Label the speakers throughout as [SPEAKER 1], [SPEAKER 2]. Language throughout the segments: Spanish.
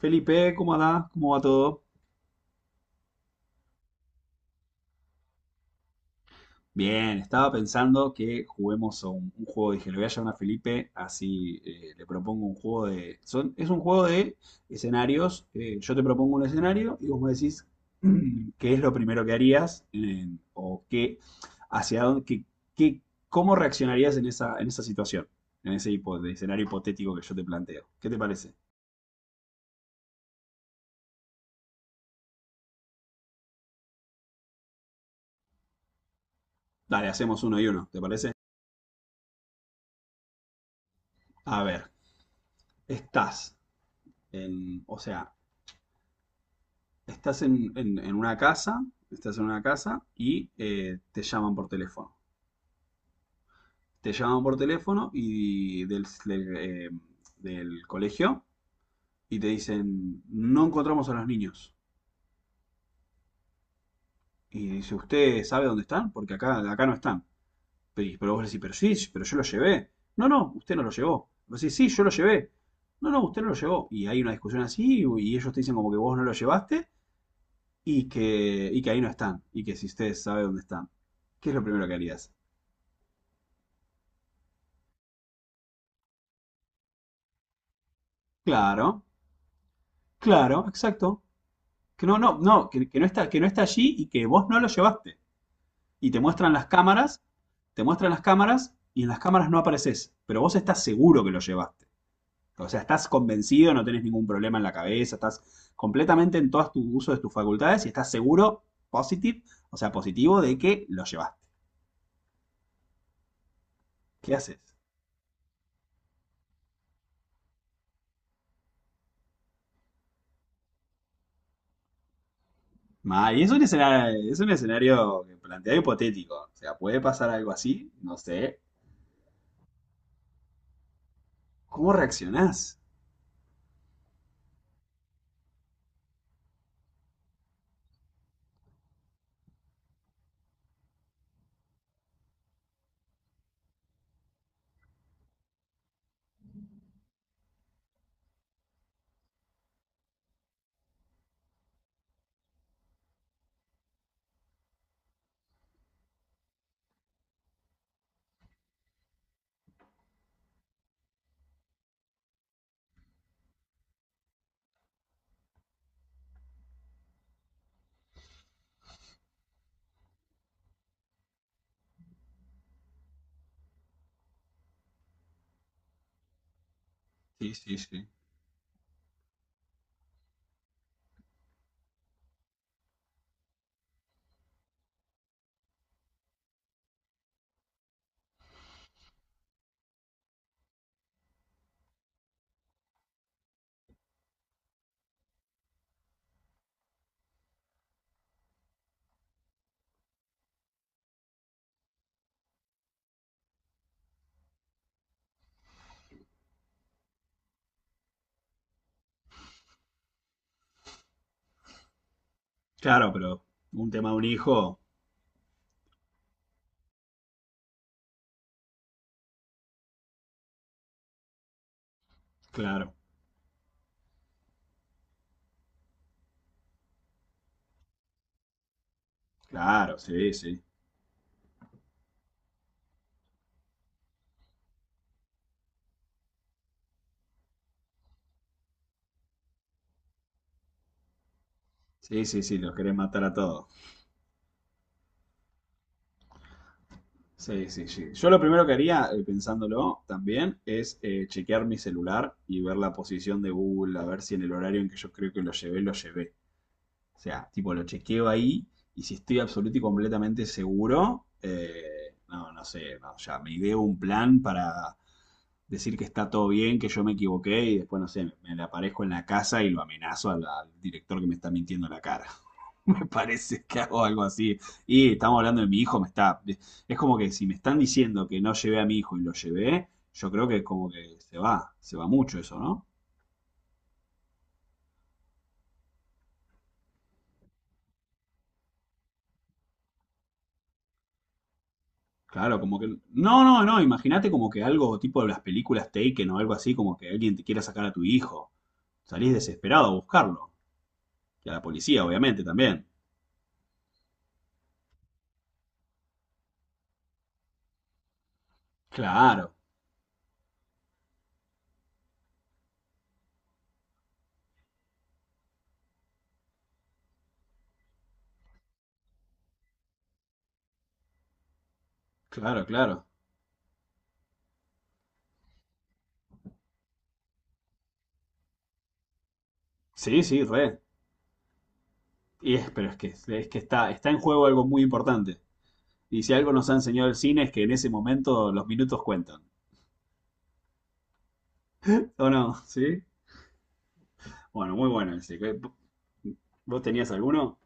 [SPEAKER 1] Felipe, ¿cómo andás? ¿Cómo va todo? Bien, estaba pensando que juguemos a un juego. Dije, le voy a llamar a Felipe, así le propongo un juego de... es un juego de escenarios. Yo te propongo un escenario y vos me decís qué es lo primero que harías o qué, hacia dónde, qué- cómo reaccionarías en esa situación, en ese de escenario hipotético que yo te planteo. ¿Qué te parece? Dale, hacemos uno y uno, ¿te parece? A ver, estás en, o sea, estás en, en una casa, estás en una casa y te llaman por teléfono. Te llaman por teléfono y del del colegio y te dicen, no encontramos a los niños. Y dice, ¿usted sabe dónde están? Porque acá no están. Pero vos le decís, pero sí, sí, pero yo los llevé. No, no, usted no los llevó. Vos decís, sí, yo los llevé. No, no, usted no los llevó. Y hay una discusión así y ellos te dicen como que vos no los llevaste y que ahí no están. Y que si usted sabe dónde están. ¿Qué es lo primero que harías? Claro, claro, exacto. Que no, no, no, que no está, que no está allí y que vos no lo llevaste. Y te muestran las cámaras, te muestran las cámaras y en las cámaras no apareces, pero vos estás seguro que lo llevaste. O sea, estás convencido, no tenés ningún problema en la cabeza, estás completamente en todo tu uso de tus facultades y estás seguro, positive, o sea, positivo de que lo llevaste. ¿Qué haces? Mal, y es un escenario que plantea hipotético. O sea, puede pasar algo así, no sé. ¿Cómo reaccionás? Sí, sí, sí. Claro, pero un tema de un hijo, claro, claro, sí, sí. Sí, sí, sí, los querés matar a todos. Sí, sí, sí. Yo lo primero que haría, pensándolo también, es chequear mi celular y ver la posición de Google, a ver si en el horario en que yo creo que lo llevé, lo llevé. O sea, tipo, lo chequeo ahí y si estoy absoluto y completamente seguro, no, no sé, no, ya me ideo un plan para decir que está todo bien, que yo me equivoqué y después, no sé, me le aparezco en la casa y lo amenazo al director que me está mintiendo en la cara. Me parece que hago algo así. Y estamos hablando de mi hijo, me está... Es como que si me están diciendo que no llevé a mi hijo y lo llevé, yo creo que como que se va mucho eso, ¿no? Claro, como que... No, no, no, imagínate como que algo tipo de las películas Taken o algo así, como que alguien te quiera sacar a tu hijo. Salís desesperado a buscarlo. Y a la policía, obviamente, también. Claro, claro, claro. Sí, sí, re. Y es, pero es que está, está en juego algo muy importante. Y si algo nos ha enseñado el cine es que en ese momento los minutos cuentan. ¿O no? ¿Sí? Bueno, muy bueno ese. ¿Qué- ¿Vos tenías alguno?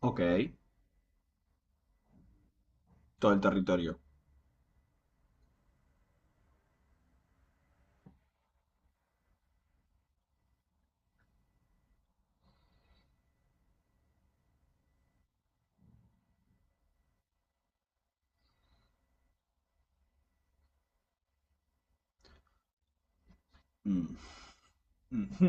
[SPEAKER 1] Ok. Todo el territorio. Mm. Ujú.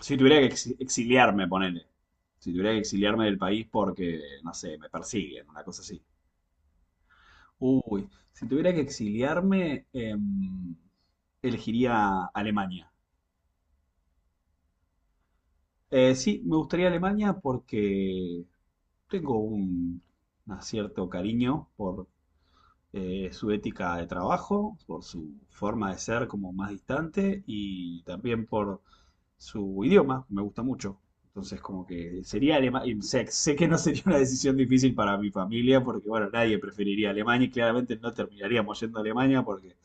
[SPEAKER 1] Si tuviera que exiliarme, ponele. Si tuviera que exiliarme del país porque, no sé, me persiguen, una cosa así. Uy, si tuviera que exiliarme, elegiría Alemania. Sí, me gustaría Alemania porque tengo un cierto cariño por su ética de trabajo, por su forma de ser como más distante y también por su idioma, me gusta mucho. Entonces, como que sería Alemania. Sé, sé que no sería una decisión difícil para mi familia porque, bueno, nadie preferiría Alemania y claramente no terminaríamos yendo a Alemania porque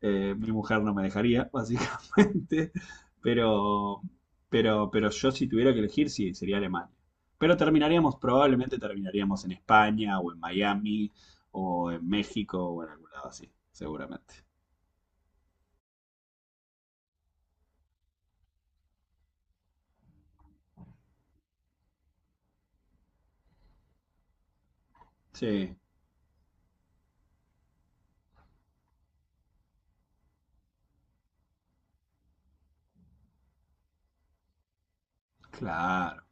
[SPEAKER 1] mi mujer no me dejaría, básicamente. Pero, pero yo si tuviera que elegir, sí, sería Alemania. Pero terminaríamos, probablemente terminaríamos en España o en Miami o en México o en algún lado así, seguramente. Sí, claro.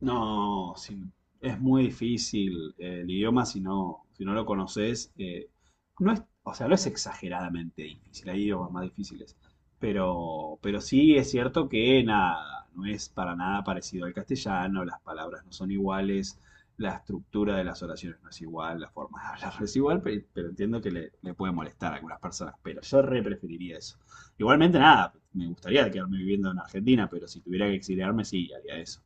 [SPEAKER 1] No, sí, es muy difícil el idioma si no, si no lo conoces. No es, o sea, no es exageradamente difícil, hay idiomas más difíciles. Pero sí es cierto que nada, no es para nada parecido al castellano, las palabras no son iguales, la estructura de las oraciones no es igual, la forma de hablar no es igual, pero, entiendo que le puede molestar a algunas personas, pero yo re preferiría eso. Igualmente nada, me gustaría quedarme viviendo en Argentina, pero si tuviera que exiliarme, sí, haría eso.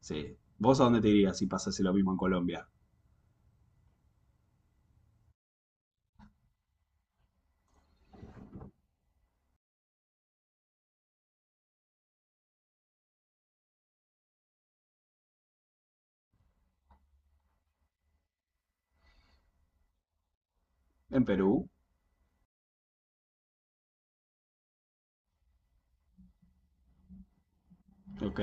[SPEAKER 1] Sí. ¿Vos a dónde te irías si pasase lo mismo en Colombia? En Perú. Ok,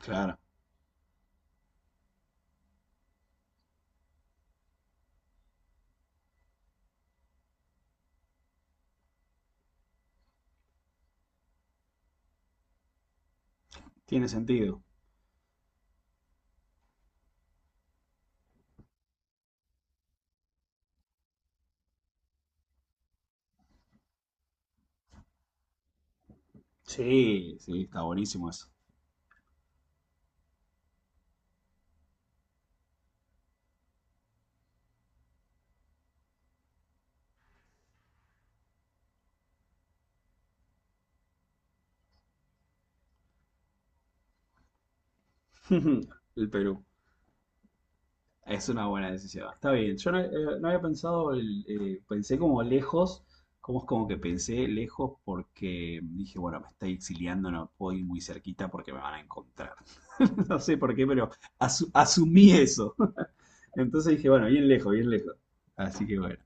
[SPEAKER 1] claro. Tiene sentido. Sí, sí, está buenísimo eso. El Perú. Es una buena decisión. Está bien. Yo no, no había pensado, pensé como lejos, como es como que pensé lejos porque dije, bueno, me estoy exiliando, no puedo ir muy cerquita porque me van a encontrar. No sé por qué, pero asumí eso. Entonces dije, bueno, bien lejos, bien lejos. Así que bueno.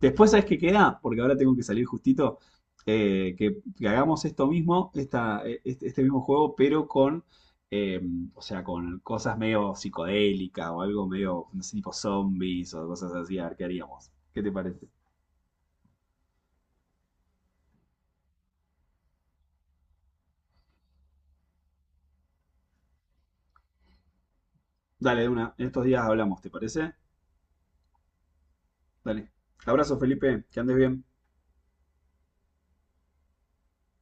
[SPEAKER 1] Después, ¿sabes qué queda? Porque ahora tengo que salir justito. Que hagamos esto mismo, este mismo juego, pero eh, o sea, con cosas medio psicodélicas o algo medio, no sé, tipo zombies o cosas así. A ver qué haríamos. ¿Qué te parece? Dale, de una. En estos días hablamos, ¿te parece? Dale. Abrazo, Felipe. Que andes bien.